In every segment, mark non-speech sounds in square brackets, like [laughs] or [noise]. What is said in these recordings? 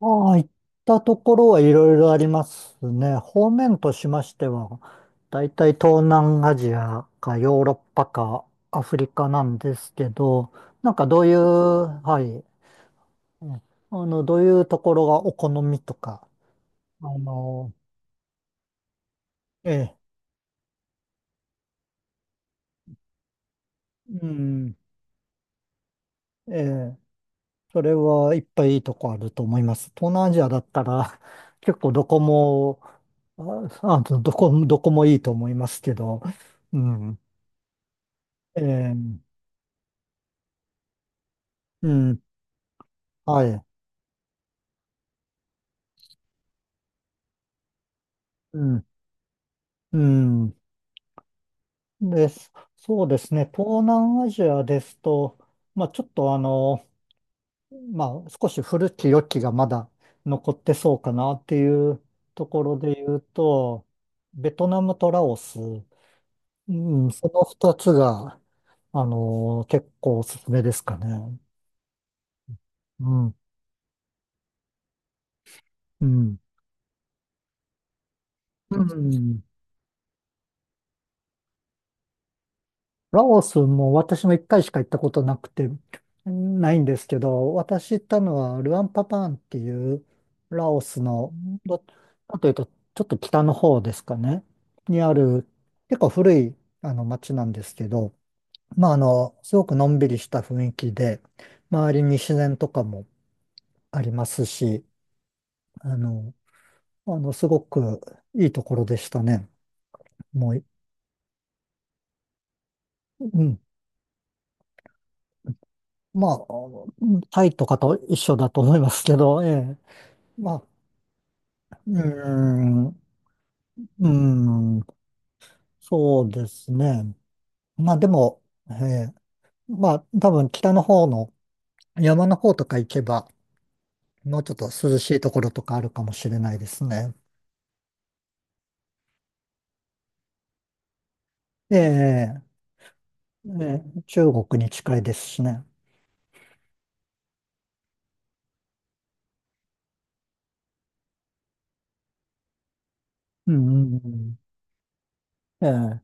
ああ、行ったところはいろいろありますね。方面としましては、だいたい東南アジアかヨーロッパかアフリカなんですけど、なんかどういう、はい、うんどういうところがお好みとか、あの、ええ、うん、ええ、それはいっぱいいいとこあると思います。東南アジアだったら結構どこも、あ、あのどこ、どこもいいと思いますけど、うん、ええ、うん、はい、うん、うん。です。そうですね。東南アジアですと、まあちょっとまあ少し古き良きがまだ残ってそうかなっていうところで言うと、ベトナムとラオス、うん、その二つが、結構おすすめですかね。うん、うん、うん。ラオスも私も一回しか行ったことなくて、ないんですけど、私行ったのはルアンパパーンっていうラオスの、ど、なんというと、ちょっと北の方ですかね、にある結構古い町なんですけど、まあすごくのんびりした雰囲気で、周りに自然とかもありますし、あの、すごくいいところでしたね。もう、うん。まあ、うんタイとかと一緒だと思いますけど、ええ。まあ、うーん、うーん、そうですね。まあでも、えーまあ多分北の方の山の方とか行けば、もうちょっと涼しいところとかあるかもしれないですね。ええ、中国に近いですしね。うん、うん、ええ、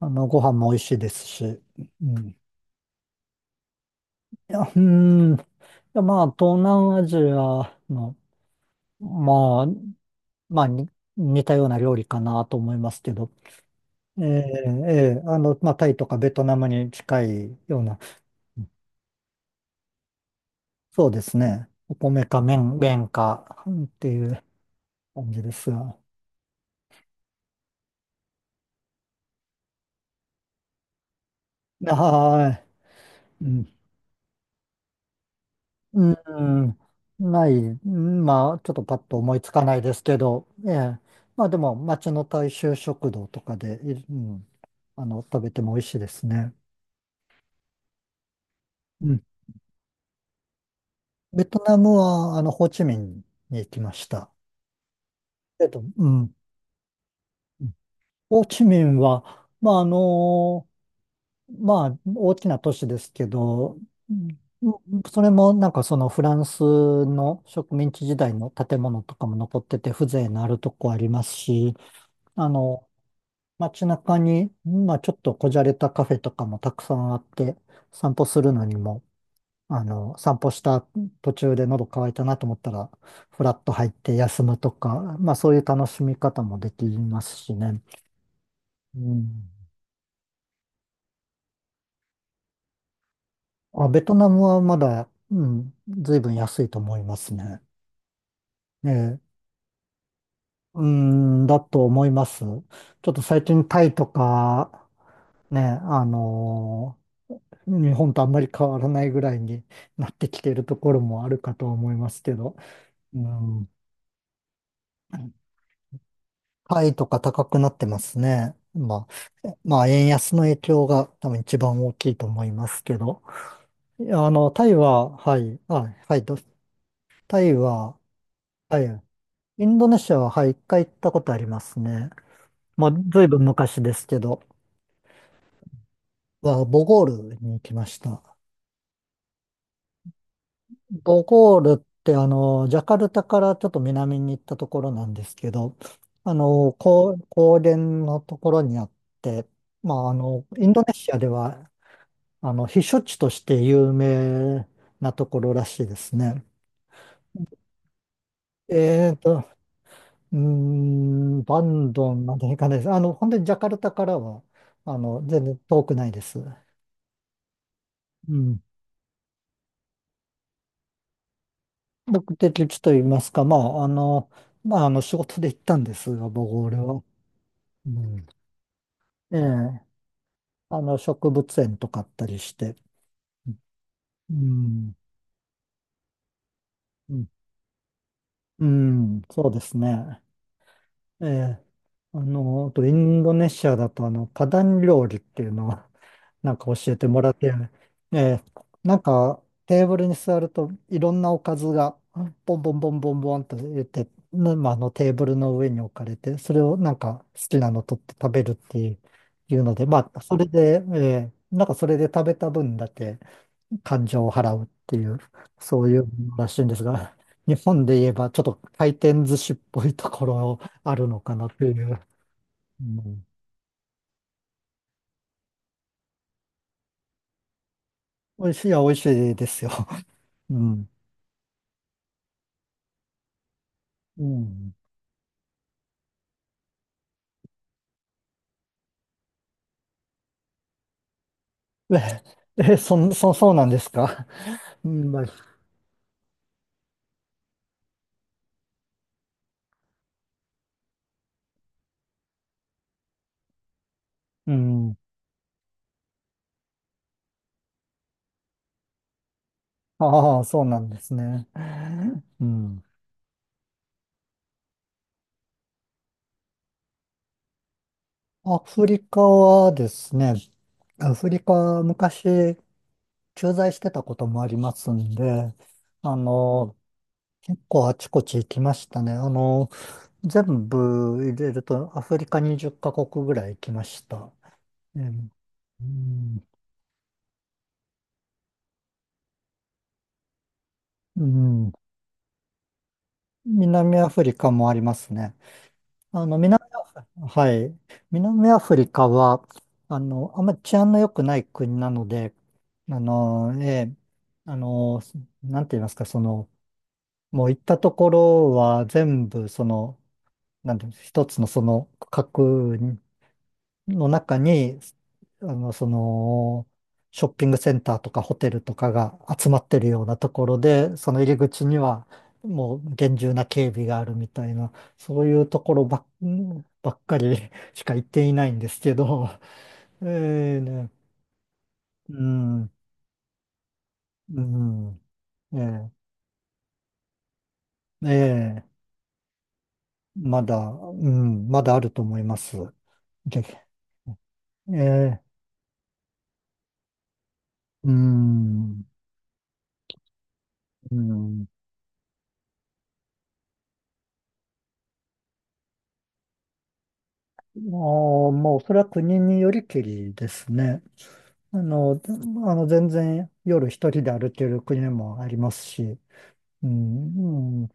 ご飯も美味しいですし。うん、いや、いやまあ東南アジアの、まあ、まあに似たような料理かなと思いますけど、ええ、ええ、まあ、タイとかベトナムに近いような、そうですね。お米か麺かっていう感じですが。はい。うん。うん。ない。うんまあ、ちょっとパッと思いつかないですけど、ええ。まあでも、町の大衆食堂とかで、うん、食べても美味しいですね。うん。ベトナムは、ホーチミンに行きました。うん。ホーチミンは、まあ、まあ、大きな都市ですけど、うん、それもなんかそのフランスの植民地時代の建物とかも残ってて風情のあるとこありますし、あの、街中に、まあちょっとこじゃれたカフェとかもたくさんあって、散歩するのにも、散歩した途中で喉乾いたなと思ったら、フラッと入って休むとか、まあそういう楽しみ方もできますしね。うん、あ、ベトナムはまだ、うん、随分安いと思いますね。ええ、うん、だと思います。ちょっと最近タイとか、ね、日本とあんまり変わらないぐらいになってきているところもあるかと思いますけど、うん、タイとか高くなってますね。まあ、まあ、円安の影響が多分一番大きいと思いますけど、いやタイは、はい、あ、はい、タイは、はい。インドネシアは、はい、一回行ったことありますね。まあ、ずいぶん昔ですけど、ボゴールに行きました。ボゴールって、ジャカルタからちょっと南に行ったところなんですけど、あの、高原のところにあって、まあ、あの、インドネシアでは、避暑地として有名なところらしいですね。えーと、バンドンまで行かないです。本当にジャカルタからは、全然遠くないです。うん。目的地と言いますか、まあ、まあ、仕事で行ったんですが、僕、俺は。うん。ええ、植物園とかあったりして。うん。うん、うん、そうですね。ええ、あとインドネシアだとパダン料理っていうのを [laughs] なんか教えてもらって、ええ、なんかテーブルに座るといろんなおかずがボンボンボンボンボンと言って、まあ、あのテーブルの上に置かれて、それをなんか好きなの取って食べるっていう、ので、まあ、それで、ええ、なんかそれで食べた分だけ感情を払うっていう、[laughs] そういうものらしいんですが、[laughs] 日本で言えばちょっと回転寿司っぽいところあるのかなという。うん、美味しいは美味しいですよ。うん。うん。え、そうなんですか。うん、まあうん。ああ、そうなんですね。うん。アフリカはですね、アフリカは昔駐在してたこともありますんで、あの、結構あちこち行きましたね。全部入れるとアフリカ20カ国ぐらい行きました。えーうん、うん、南アフリカもありますね。あの、南、はい。南アフリカは、あんまり治安の良くない国なので、あの、ええ、あの、なんて言いますか、その、もう行ったところは全部、その、なんて言うんです一つのその区の中に、その、ショッピングセンターとかホテルとかが集まってるようなところで、その入り口にはもう厳重な警備があるみたいな、そういうところばっ、ばっかり [laughs] しか行っていないんですけど、ええね、うん、うん、ええええまだ、うん、まだあると思います。げええうん、うん、あーもうそれは国によりきりですね。あの、全然夜一人で歩ける国もありますし、うん、う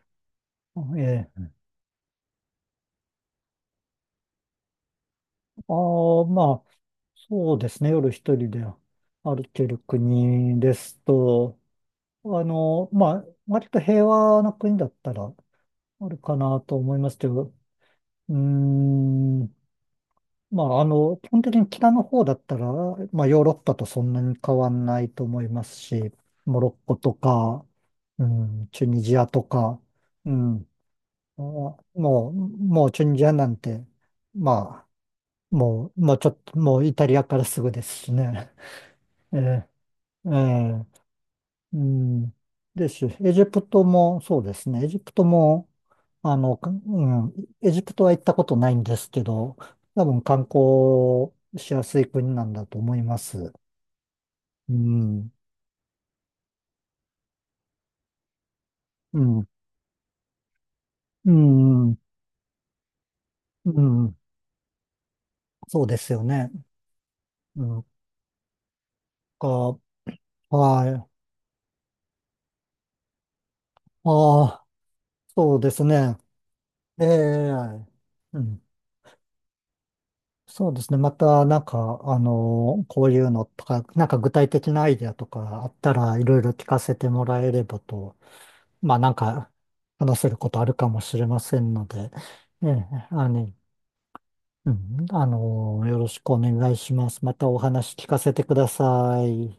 ん、ええ、ああ、まあ、そうですね、夜一人で歩ける国ですと、あの、まあ、割と平和な国だったらあるかなと思いますけど、うーん、まあ、基本的に北の方だったら、まあ、ヨーロッパとそんなに変わんないと思いますし、モロッコとか、うん、チュニジアとか、うん、もう、チュニジアなんて、まあ、もうちょっと、もうイタリアからすぐですしね。[laughs] ええ、ええ、うん。ですし、エジプトもそうですね。エジプトも、うん、エジプトは行ったことないんですけど、多分観光しやすい国なんだと思います。うん、うん、うん、うん、そうですよね。うん、か、はい。ああ、そうですね。ええ、うん。そうですね。また、なんか、こういうのとか、なんか具体的なアイデアとかあったらいろいろ聞かせてもらえればと、まあなんか話せることあるかもしれませんので、ええ、うん、よろしくお願いします。またお話聞かせてください。